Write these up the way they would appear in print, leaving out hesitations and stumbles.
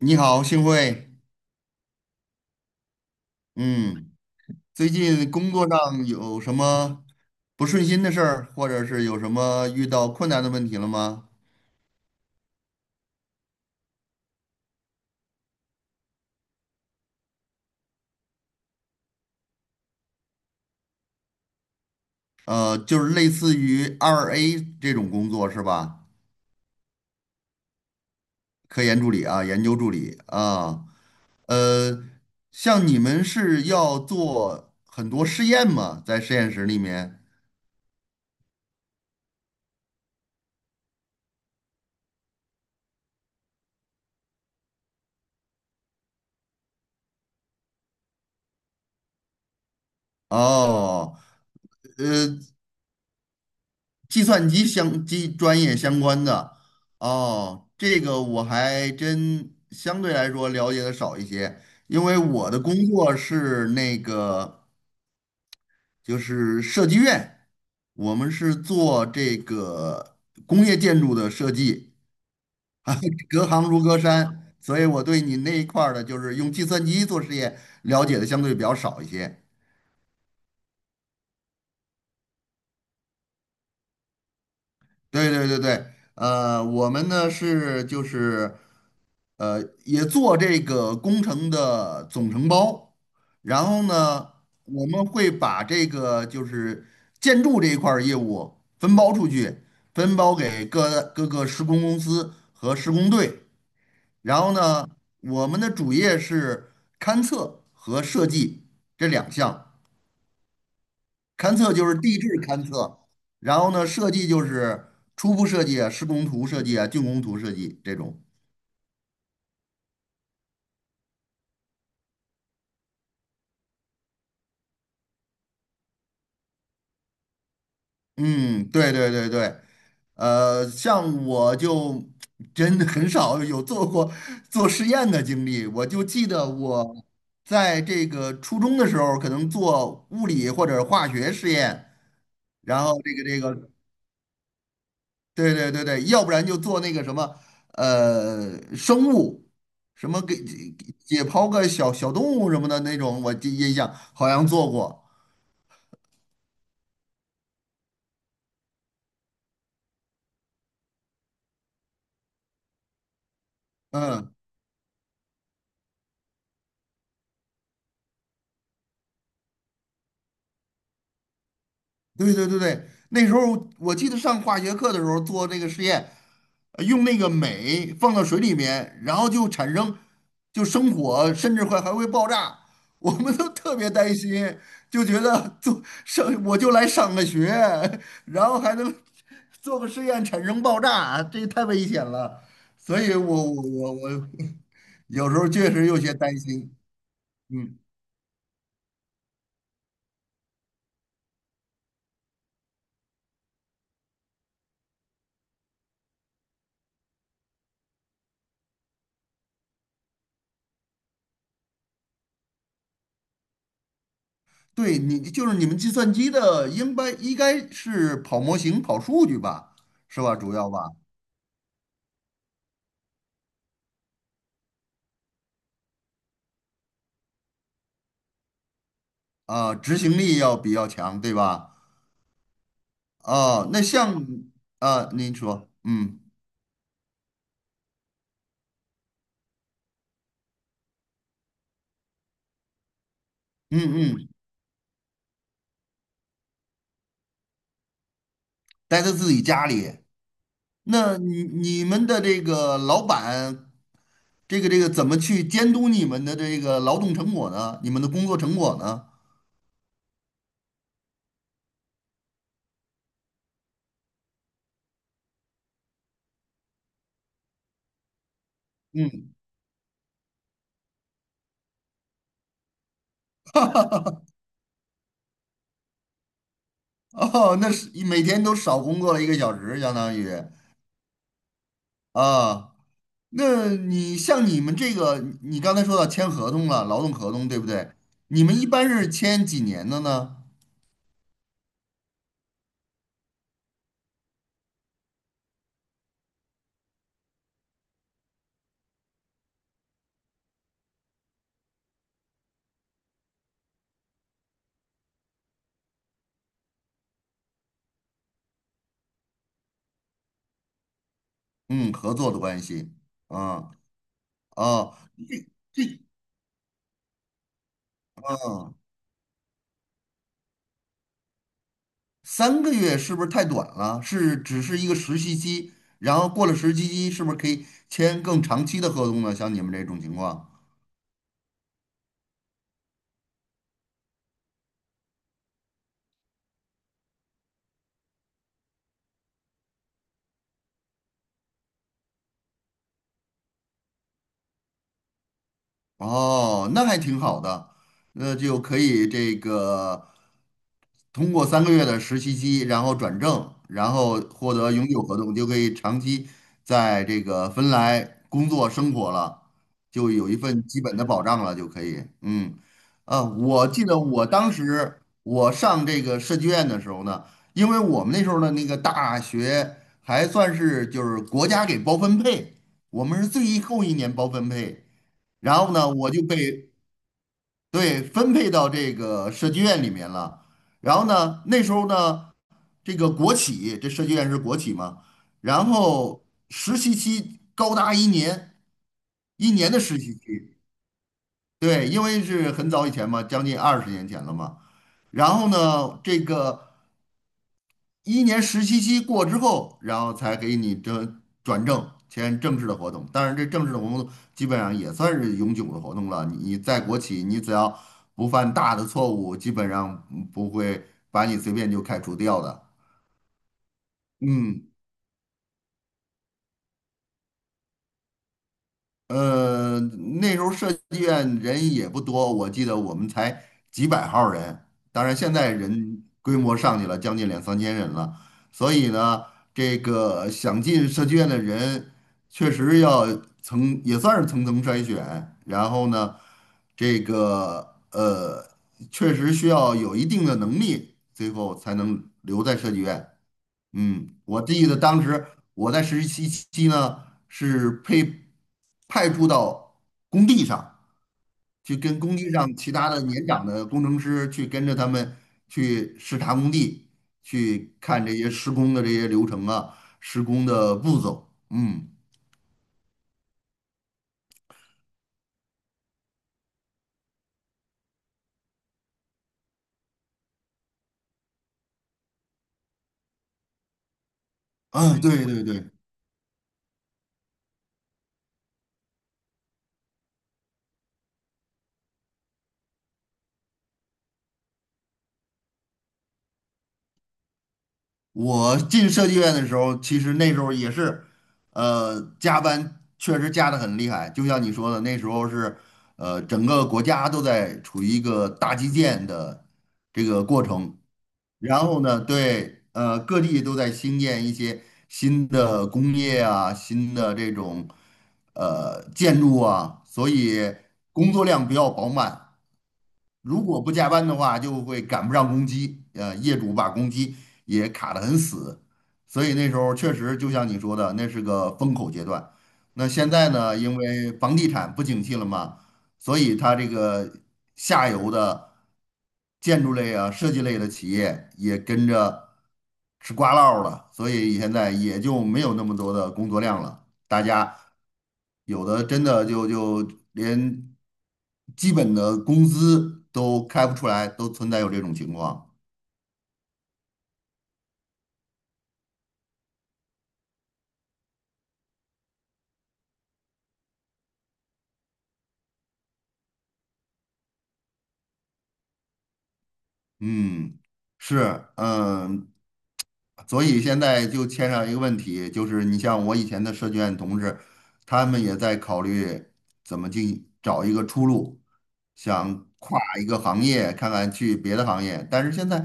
你好，幸会。嗯，最近工作上有什么不顺心的事儿，或者是有什么遇到困难的问题了吗？就是类似于二 A 这种工作是吧？科研助理啊，研究助理啊，呃，像你们是要做很多实验吗？在实验室里面？哦，呃计算机相机专业相关的哦，这个我还真相对来说了解的少一些，因为我的工作是那个就是设计院，我们是做这个工业建筑的设计啊，隔行如隔山，所以我对你那一块儿的，就是用计算机做实验了解的相对比较少一些。对对对对，我们呢是就是，呃，也做这个工程的总承包，然后呢，我们会把这个就是建筑这一块儿业务分包出去，分包给各个施工公司和施工队，然后呢，我们的主业是勘测和设计这两项。勘测就是地质勘测，然后呢，设计就是初步设计啊、施工图设计啊、竣工图设计这种。嗯，对对对对，像我就真的很少有做过做实验的经历，我就记得我在这个初中的时候，可能做物理或者化学实验，然后这个对对对对，要不然就做那个什么，生物，什么给解剖个小小动物什么的那种，我记印象好像做过。嗯。对对对对，那时候我记得上化学课的时候做那个实验，用那个镁放到水里面，然后就产生就生火，甚至会还会爆炸，我们都特别担心，就觉得做上我就来上个学，然后还能做个实验产生爆炸，这太危险了，所以我 有时候确实有些担心，嗯。对你就是你们计算机的，应该是跑模型、跑数据吧，是吧？主要吧，啊、执行力要比较强，对吧？哦、那像啊、您说，嗯嗯嗯，待在自己家里，那你你们的这个老板，这个怎么去监督你们的这个劳动成果呢？你们的工作成果呢？嗯，哦，那是每天都少工作了一个小时，相当于啊。那你像你们这个，你刚才说到签合同了，劳动合同对不对？你们一般是签几年的呢？嗯，合作的关系。嗯，哦，嗯，三个月是不是太短了？是只是一个实习期，然后过了实习期，是不是可以签更长期的合同呢？像你们这种情况。哦，那还挺好的，那就可以这个通过三个月的实习期，然后转正，然后获得永久合同，就可以长期在这个芬兰工作生活了，就有一份基本的保障了，就可以。嗯，啊，我记得我当时我上这个设计院的时候呢，因为我们那时候的那个大学还算是就是国家给包分配，我们是最后一年包分配。然后呢，我就被对分配到这个设计院里面了。然后呢，那时候呢，这个国企，这设计院是国企嘛，然后实习期高达一年，一年的实习期。对，因为是很早以前嘛，将近20年前了嘛。然后呢，这个一年实习期过之后，然后才给你这转正，签正式的合同。当然，这正式的合同基本上也算是永久的合同了。你在国企，你只要不犯大的错误，基本上不会把你随便就开除掉的。嗯。呃，那时候设计院人也不多，我记得我们才几百号儿人，当然现在人规模上去了，将近两三千人了。所以呢，这个想进设计院的人，确实要层也算是层层筛选。然后呢，这个呃，确实需要有一定的能力，最后才能留在设计院。嗯，我记得当时我在实习期呢，是被派驻到工地上，去跟工地上其他的年长的工程师去跟着他们去视察工地，去看这些施工的这些流程啊，施工的步骤。嗯，啊，对对对，我进设计院的时候，其实那时候也是，加班确实加的很厉害。就像你说的，那时候是，整个国家都在处于一个大基建的这个过程。然后呢，对，各地都在兴建一些新的工业啊，新的这种建筑啊，所以工作量比较饱满。如果不加班的话，就会赶不上工期，业主把工期也卡得很死，所以那时候确实就像你说的，那是个风口阶段。那现在呢，因为房地产不景气了嘛，所以它这个下游的建筑类啊、设计类的企业也跟着吃瓜落了，所以现在也就没有那么多的工作量了。大家有的真的就连基本的工资都开不出来，都存在有这种情况。嗯，是，嗯，所以现在就牵上一个问题，就是你像我以前的设计院同志，他们也在考虑怎么找一个出路，想跨一个行业，看看去别的行业。但是现在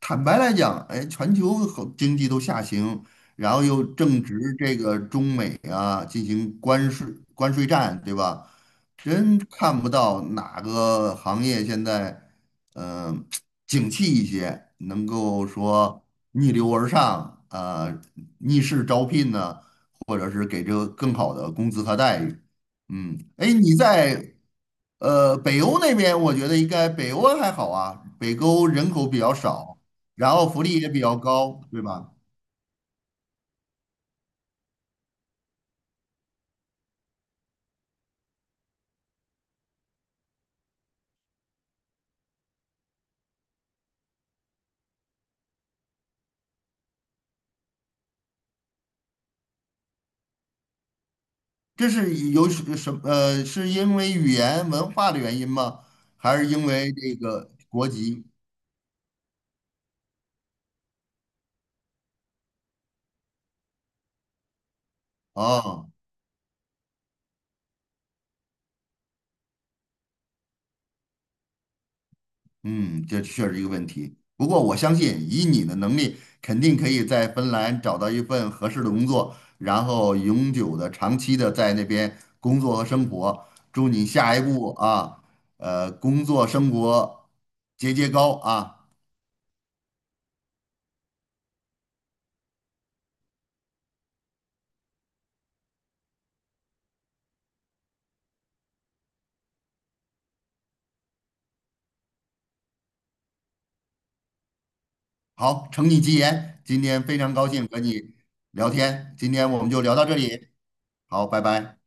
坦白来讲，哎，全球好经济都下行，然后又正值这个中美啊进行关税战，对吧？真看不到哪个行业现在，嗯、景气一些，能够说逆流而上，逆势招聘呢，或者是给这个更好的工资和待遇。嗯，哎，你在北欧那边，我觉得应该北欧还好啊，北欧人口比较少，然后福利也比较高，对吧？这是有什什呃，是因为语言文化的原因吗？还是因为这个国籍？哦，嗯，这确实一个问题。不过我相信，以你的能力，肯定可以在芬兰找到一份合适的工作，然后永久的、长期的在那边工作和生活。祝你下一步啊，工作生活节节高啊！好，承你吉言，今天非常高兴和你聊天，今天我们就聊到这里，好，拜拜。